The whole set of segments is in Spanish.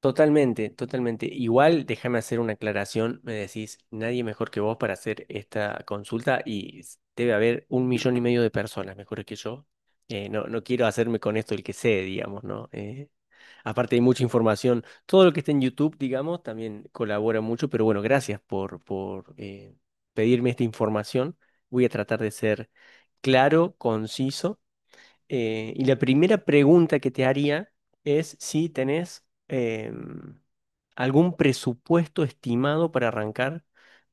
Totalmente, totalmente. Igual déjame hacer una aclaración. Me decís, nadie mejor que vos para hacer esta consulta y debe haber 1.500.000 de personas mejores que yo. No, no quiero hacerme con esto el que sé, digamos, ¿no? Aparte hay mucha información. Todo lo que está en YouTube, digamos, también colabora mucho, pero bueno, gracias por pedirme esta información. Voy a tratar de ser claro, conciso, y la primera pregunta que te haría es si tenés algún presupuesto estimado para arrancar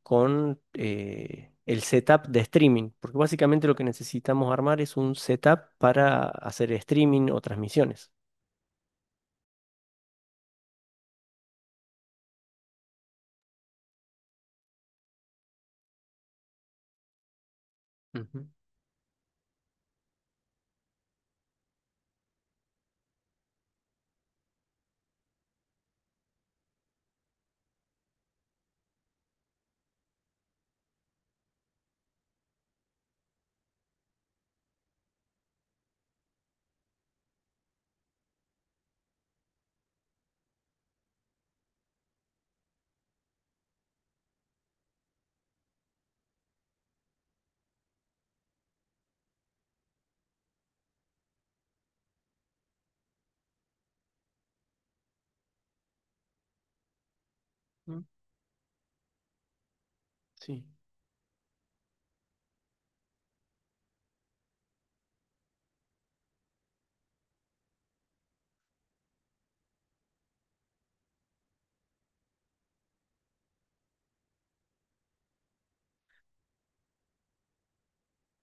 con el setup de streaming, porque básicamente lo que necesitamos armar es un setup para hacer streaming o transmisiones. Ujú, ujú, sí.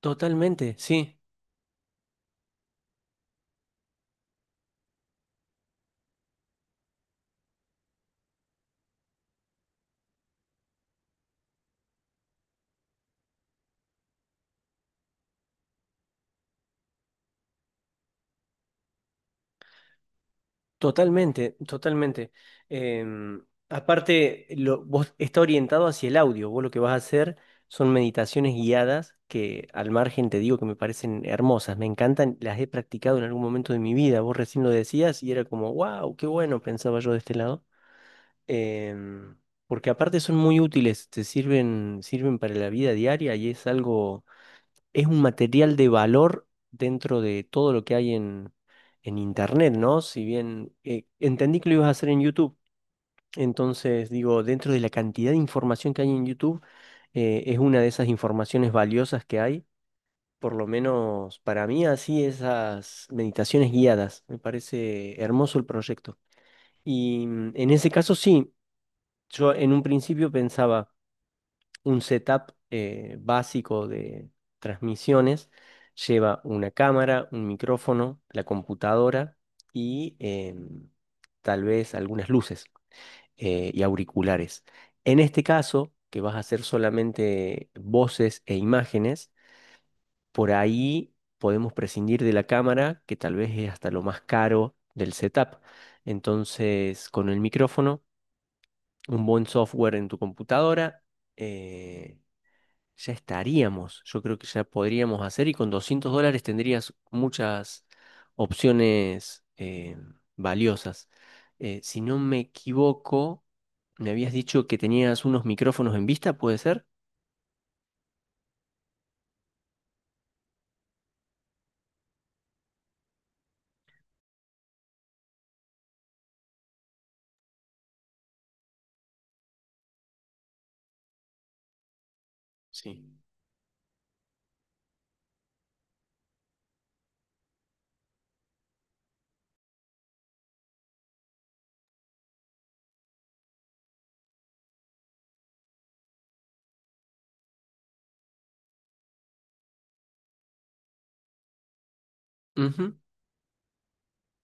Totalmente, sí. Totalmente, totalmente. Em, Aparte, vos está orientado hacia el audio. Vos lo que vas a hacer son meditaciones guiadas que al margen te digo que me parecen hermosas, me encantan, las he practicado en algún momento de mi vida. Vos recién lo decías y era como, wow, qué bueno, pensaba yo de este lado. Em, Porque aparte son muy útiles, te sirven, sirven para la vida diaria y es algo es un material de valor dentro de todo lo que hay en Internet, ¿no? Si bien entendí que lo ibas a hacer en YouTube, entonces digo, dentro de la cantidad de información que hay en YouTube, es una de esas informaciones valiosas que hay, por lo menos para mí así esas meditaciones guiadas, me parece hermoso el proyecto. Y en ese caso sí, yo en un principio pensaba un setup básico de transmisiones lleva una cámara, un micrófono, la computadora y tal vez algunas luces y auriculares. En este caso, que vas a hacer solamente voces e imágenes, por ahí podemos prescindir de la cámara, que tal vez es hasta lo más caro del setup. Entonces, con el micrófono, un buen software en tu computadora, eh, ya estaríamos. Yo creo que ya podríamos hacer y con US$200 tendrías muchas opciones valiosas. Si no me equivoco, me habías dicho que tenías unos micrófonos en vista, ¿puede ser? Sí. Ujú,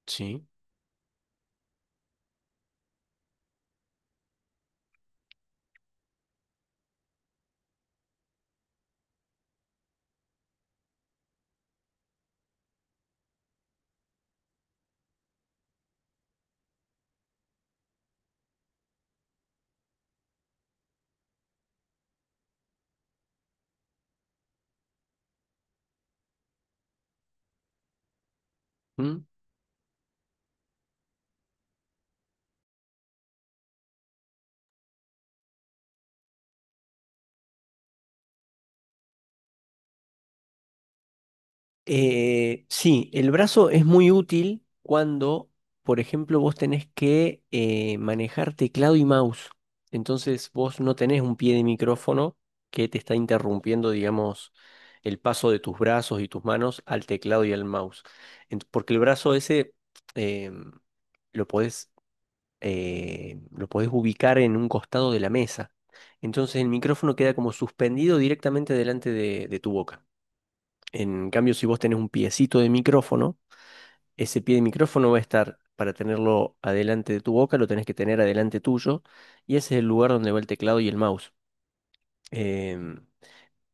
sí. Mm. Sí, el brazo es muy útil cuando, por ejemplo, vos tenés que manejar teclado y mouse. Entonces vos no tenés un pie de micrófono que te está interrumpiendo, digamos, el paso de tus brazos y tus manos al teclado y al mouse. Porque el brazo ese em, lo podés, lo podés ubicar en un costado de la mesa. Entonces el micrófono queda como suspendido directamente delante de tu boca. En cambio, si vos tenés un piecito de micrófono, ese pie de micrófono va a estar, para tenerlo adelante de tu boca, lo tenés que tener adelante tuyo, y ese es el lugar donde va el teclado y el mouse. Em,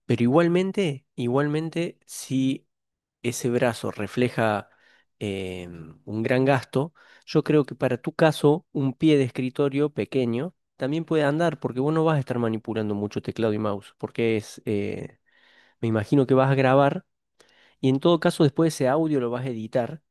pero igualmente, igualmente, si ese brazo refleja un gran gasto, yo creo que para tu caso, un pie de escritorio pequeño también puede andar, porque vos no vas a estar manipulando mucho teclado y mouse, me imagino que vas a grabar y en todo caso, después ese audio lo vas a editar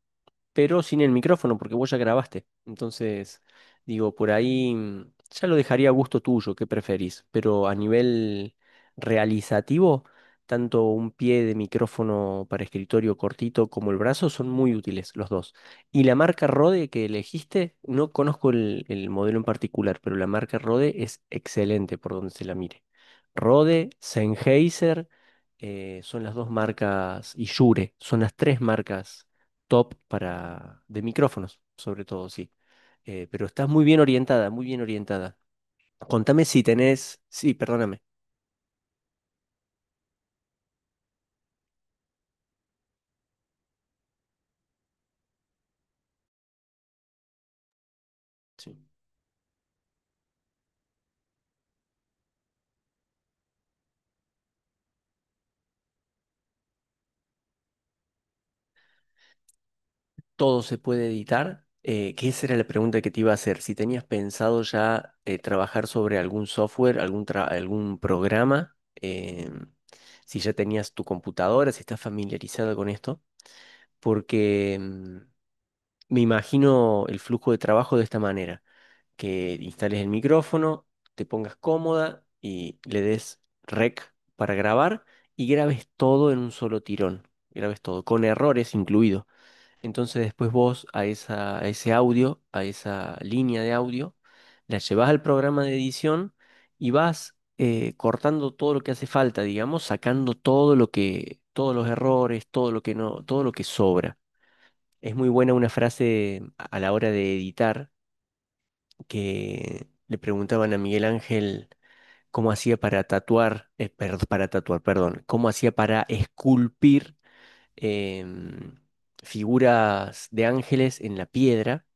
pero sin el micrófono, porque vos ya grabaste. Entonces, digo, por ahí, ya lo dejaría a gusto tuyo, qué preferís. Pero a nivel realizativo, tanto un pie de micrófono para escritorio cortito como el brazo son muy útiles los dos. Y la marca Rode que elegiste, no conozco el modelo en particular, pero la marca Rode es excelente por donde se la mire. Rode, Sennheiser, son las dos marcas, y Shure, son las tres marcas top para de micrófonos, sobre todo, sí. Pero estás muy bien orientada, muy bien orientada. Contame si tenés, sí, perdóname, sí. Todo se puede editar. Que esa era la pregunta que te iba a hacer. Si tenías pensado ya trabajar sobre algún software, algún programa, si ya tenías tu computadora, si estás familiarizada con esto, porque me imagino el flujo de trabajo de esta manera. Que instales el micrófono, te pongas cómoda y le des rec para grabar y grabes todo en un solo tirón. Grabes todo, con errores incluido. Entonces después vos a ese audio, a esa línea de audio, la llevas al programa de edición y vas cortando todo lo que hace falta, digamos, sacando todos los errores, todo lo que no, todo lo que sobra. Es muy buena una frase a la hora de editar que le preguntaban a Miguel Ángel cómo hacía para tatuar, para tatuar, perdón, cómo hacía para esculpir em, figuras de ángeles en la piedra.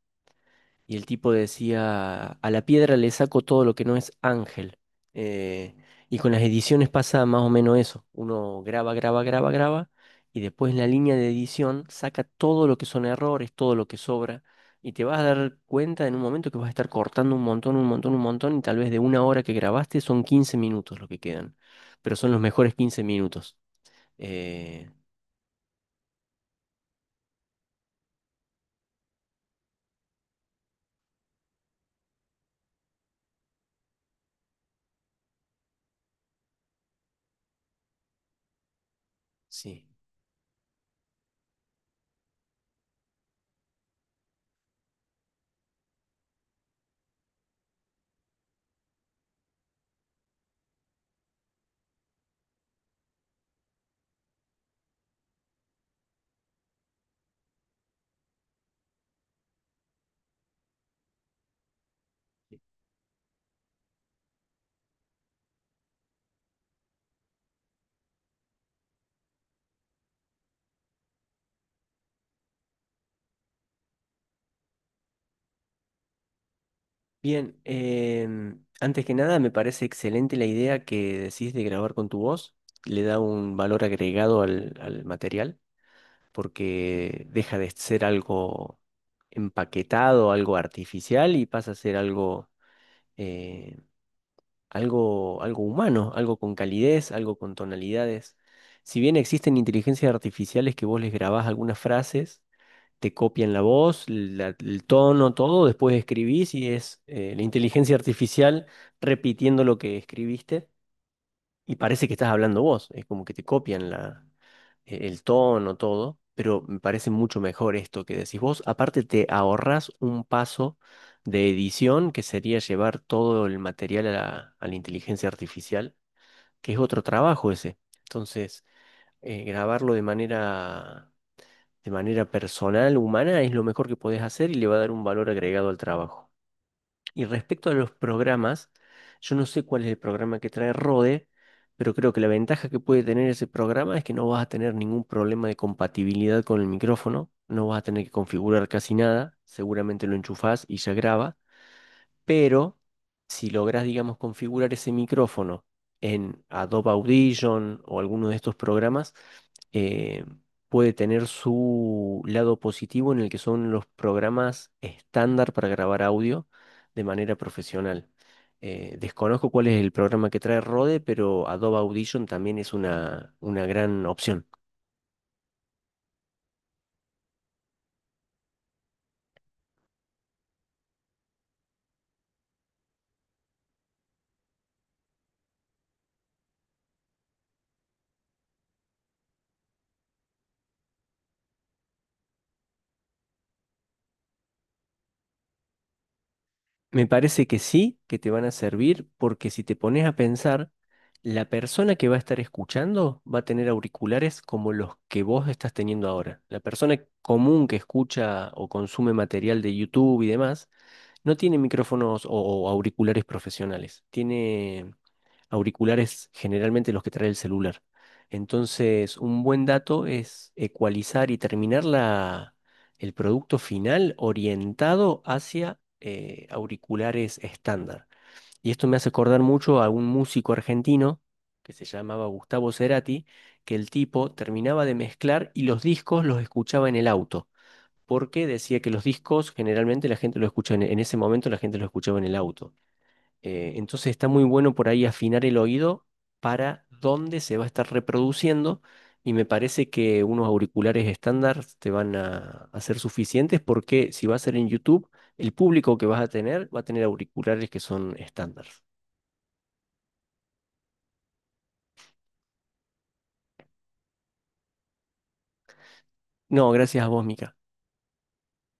Y el tipo decía, a la piedra le saco todo lo que no es ángel. Eh, y con las ediciones pasa más o menos eso. Uno graba, graba, graba, graba, y después en la línea de edición saca todo lo que son errores, todo lo que sobra, y te vas a dar cuenta en un momento que vas a estar cortando un montón, un montón, un montón, y tal vez de una hora que grabaste son 15 minutos lo que quedan. Pero son los mejores 15 minutos. Eh, sí. Bien, antes que nada me parece excelente la idea que decís de grabar con tu voz. Le da un valor agregado al material porque deja de ser algo empaquetado, algo artificial y pasa a ser eh, algo humano, algo con calidez, algo con tonalidades. Si bien existen inteligencias artificiales que vos les grabás algunas frases te copian la voz, el tono, todo, después escribís y es la inteligencia artificial repitiendo lo que escribiste y parece que estás hablando vos, es como que te copian el tono, todo, pero me parece mucho mejor esto que decís vos. Aparte te ahorras un paso de edición que sería llevar todo el material a la inteligencia artificial, que es otro trabajo ese. Entonces, grabarlo de manera personal, humana, es lo mejor que podés hacer y le va a dar un valor agregado al trabajo. Y respecto a los programas, yo no sé cuál es el programa que trae Rode, pero creo que la ventaja que puede tener ese programa es que no vas a tener ningún problema de compatibilidad con el micrófono, no vas a tener que configurar casi nada, seguramente lo enchufás y ya graba. Pero si logras, digamos, configurar ese micrófono en Adobe Audition o alguno de estos programas, eh, puede tener su lado positivo en el que son los programas estándar para grabar audio de manera profesional. Desconozco cuál es el programa que trae Rode, pero Adobe Audition también es una gran opción. Me parece que sí, que te van a servir, porque si te pones a pensar, la persona que va a estar escuchando va a tener auriculares como los que vos estás teniendo ahora. La persona común que escucha o consume material de YouTube y demás, no tiene micrófonos o auriculares profesionales. Tiene auriculares generalmente los que trae el celular. Entonces, un buen dato es ecualizar y terminar el producto final orientado hacia auriculares estándar. Y esto me hace acordar mucho a un músico argentino que se llamaba Gustavo Cerati, que el tipo terminaba de mezclar y los discos los escuchaba en el auto porque decía que los discos generalmente la gente lo escucha en ese momento la gente lo escuchaba en el auto. Entonces está muy bueno por ahí afinar el oído para dónde se va a estar reproduciendo y me parece que unos auriculares estándar te van a ser suficientes porque si va a ser en YouTube, el público que vas a tener va a tener auriculares que son estándar. No, gracias a vos, Mica.